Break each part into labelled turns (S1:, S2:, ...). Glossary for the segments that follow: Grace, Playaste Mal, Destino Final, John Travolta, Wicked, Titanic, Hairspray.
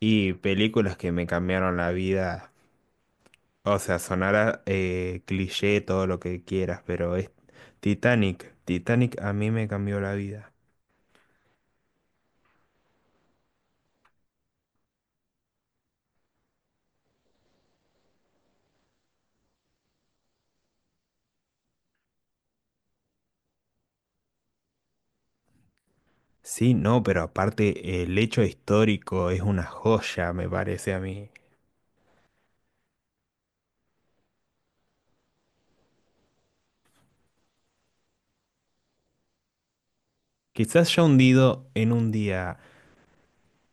S1: Y películas que me cambiaron la vida. O sea, sonará cliché, todo lo que quieras, pero es Titanic. Titanic a mí me cambió la vida. Sí, no, pero aparte el hecho histórico es una joya, me parece a mí. Quizás ya hundido en un día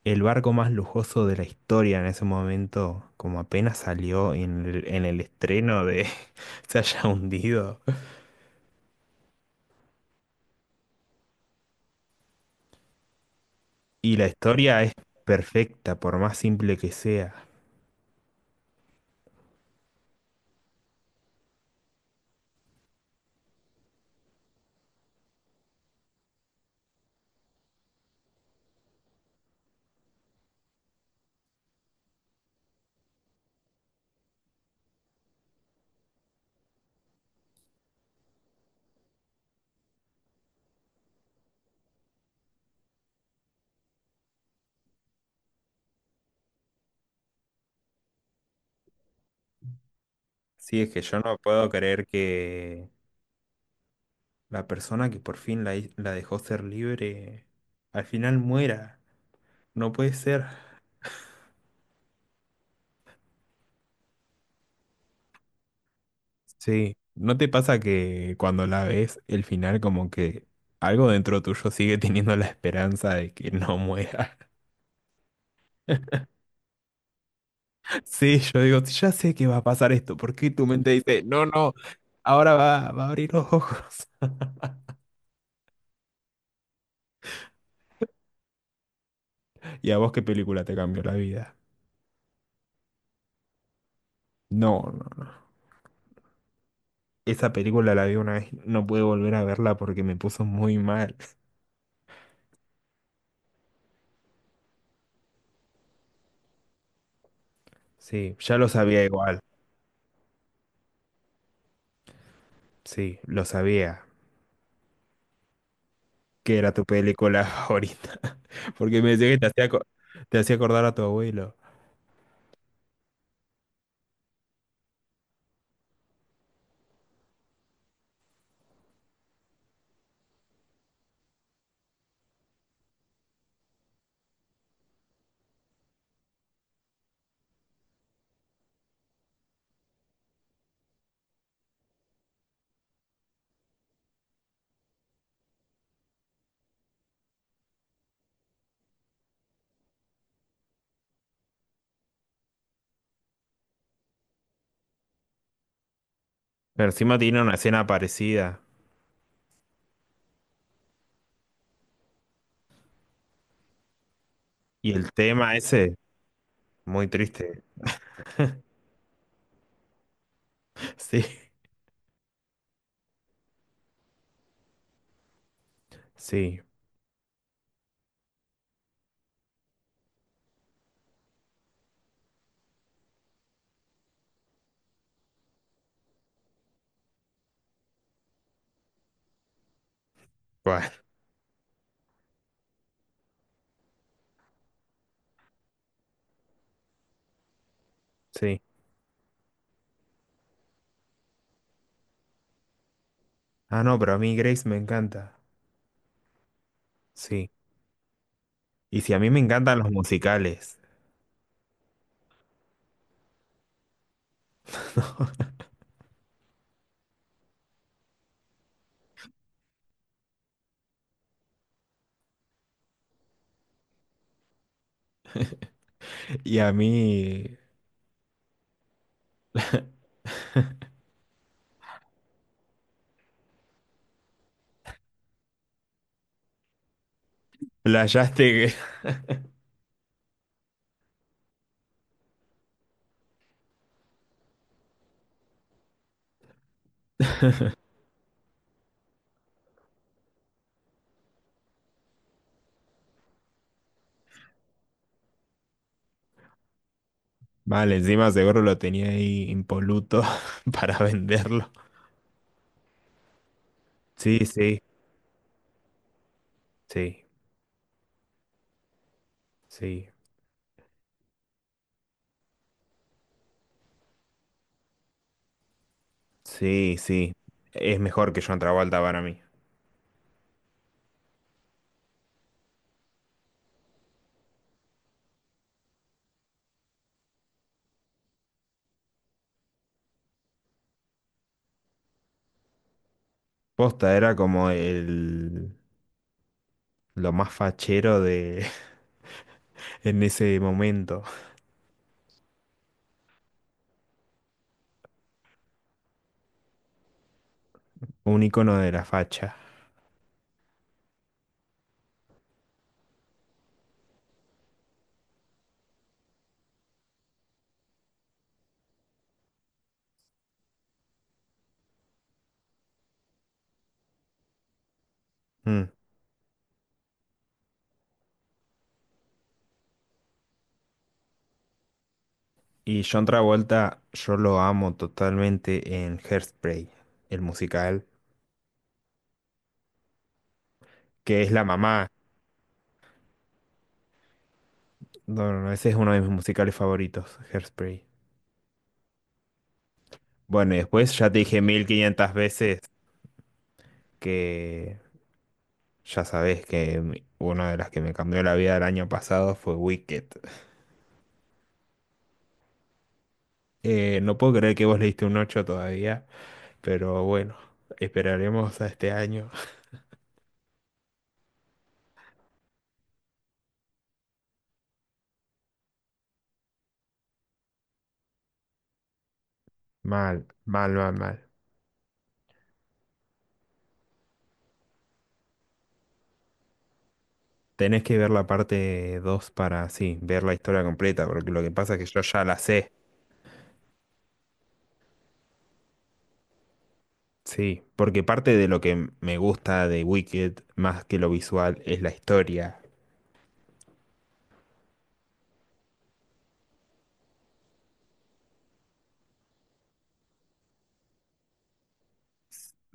S1: el barco más lujoso de la historia en ese momento, como apenas salió en el estreno de se haya hundido. Y la historia es perfecta, por más simple que sea. Sí, es que yo no puedo creer que la persona que por fin la dejó ser libre al final muera. No puede ser. Sí. ¿No te pasa que cuando la ves, el final como que algo dentro tuyo sigue teniendo la esperanza de que no muera? Sí, yo digo, ya sé que va a pasar esto. ¿Por qué tu mente dice, no, no, ahora va a abrir los ojos? ¿Y a vos qué película te cambió la vida? No, no. Esa película la vi una vez, no pude volver a verla porque me puso muy mal. Sí, ya lo sabía igual. Sí, lo sabía. Que era tu película favorita. Porque me decía que te hacía acordar a tu abuelo. Pero encima tiene una escena parecida. Y el tema ese, muy triste. Sí, sí. Bueno, sí. Ah, no, pero a mí Grace me encanta. Sí. Y si a mí me encantan los musicales. Y a mí. Playaste. Mal, encima seguro lo tenía ahí impoluto para venderlo. Sí, sí, sí, sí, sí, sí. Es mejor que John Travolta para mí. Posta era como el lo más fachero de en ese momento. Un icono de la facha. Mm. Y John Travolta, yo lo amo totalmente en Hairspray, el musical, que es la mamá. No, no, no, ese es uno de mis musicales favoritos, Hairspray. Bueno, y después ya te dije mil quinientas veces que ya sabés que una de las que me cambió la vida el año pasado fue Wicked. No puedo creer que vos le diste un 8 todavía, pero bueno, esperaremos a este año. Mal, mal, mal, mal. Tenés que ver la parte 2 para, sí, ver la historia completa, porque lo que pasa es que yo ya la sé. Sí, porque parte de lo que me gusta de Wicked, más que lo visual, es la historia.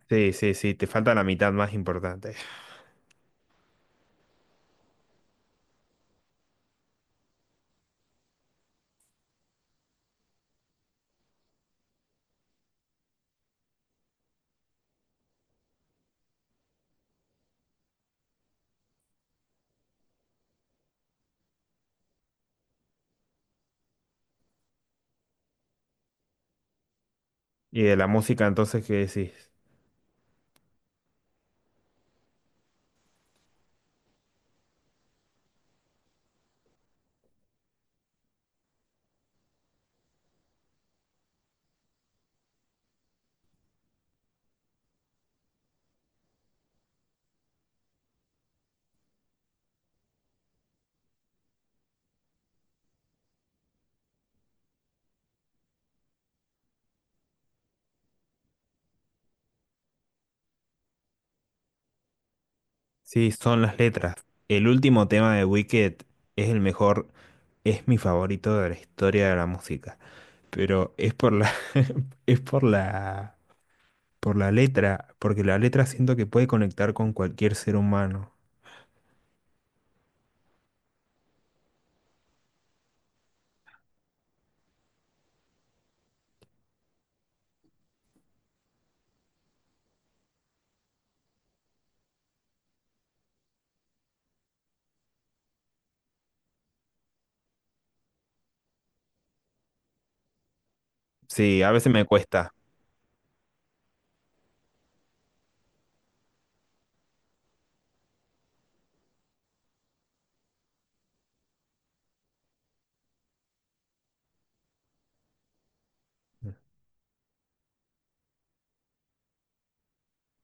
S1: Sí, sí, sí, te falta la mitad más importante. ¿Y de la música entonces qué decís? Sí, son las letras. El último tema de Wicked es el mejor, es mi favorito de la historia de la música. Pero es por la, es por la letra, porque la letra siento que puede conectar con cualquier ser humano. Sí, a veces me cuesta.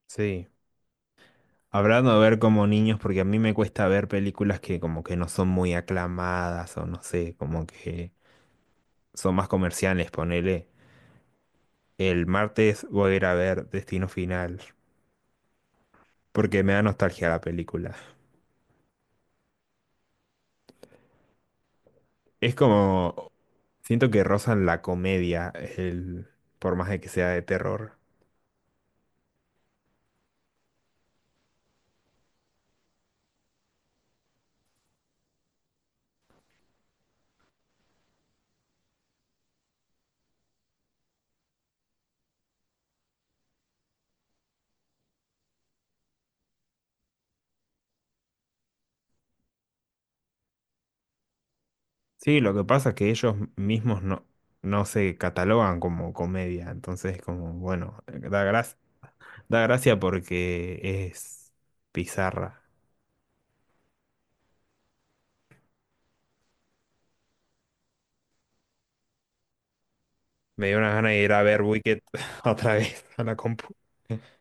S1: Sí. Hablando de ver como niños, porque a mí me cuesta ver películas que como que no son muy aclamadas o no sé, como que son más comerciales, ponele. El martes voy a ir a ver Destino Final. Porque me da nostalgia la película. Es como, siento que rozan la comedia, el, por más de que sea de terror. Sí, lo que pasa es que ellos mismos no, no se catalogan como comedia, entonces como, bueno, da gracia porque es pizarra. Me dio una gana de ir a ver Wicked otra vez a la compu.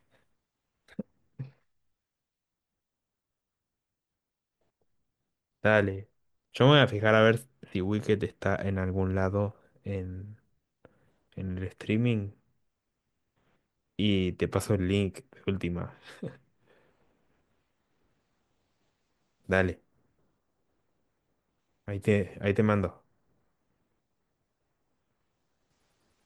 S1: Dale. Yo me voy a fijar a ver si Wicked está en algún lado en, en el streaming. Y te paso el link de última. Dale, ahí te mando.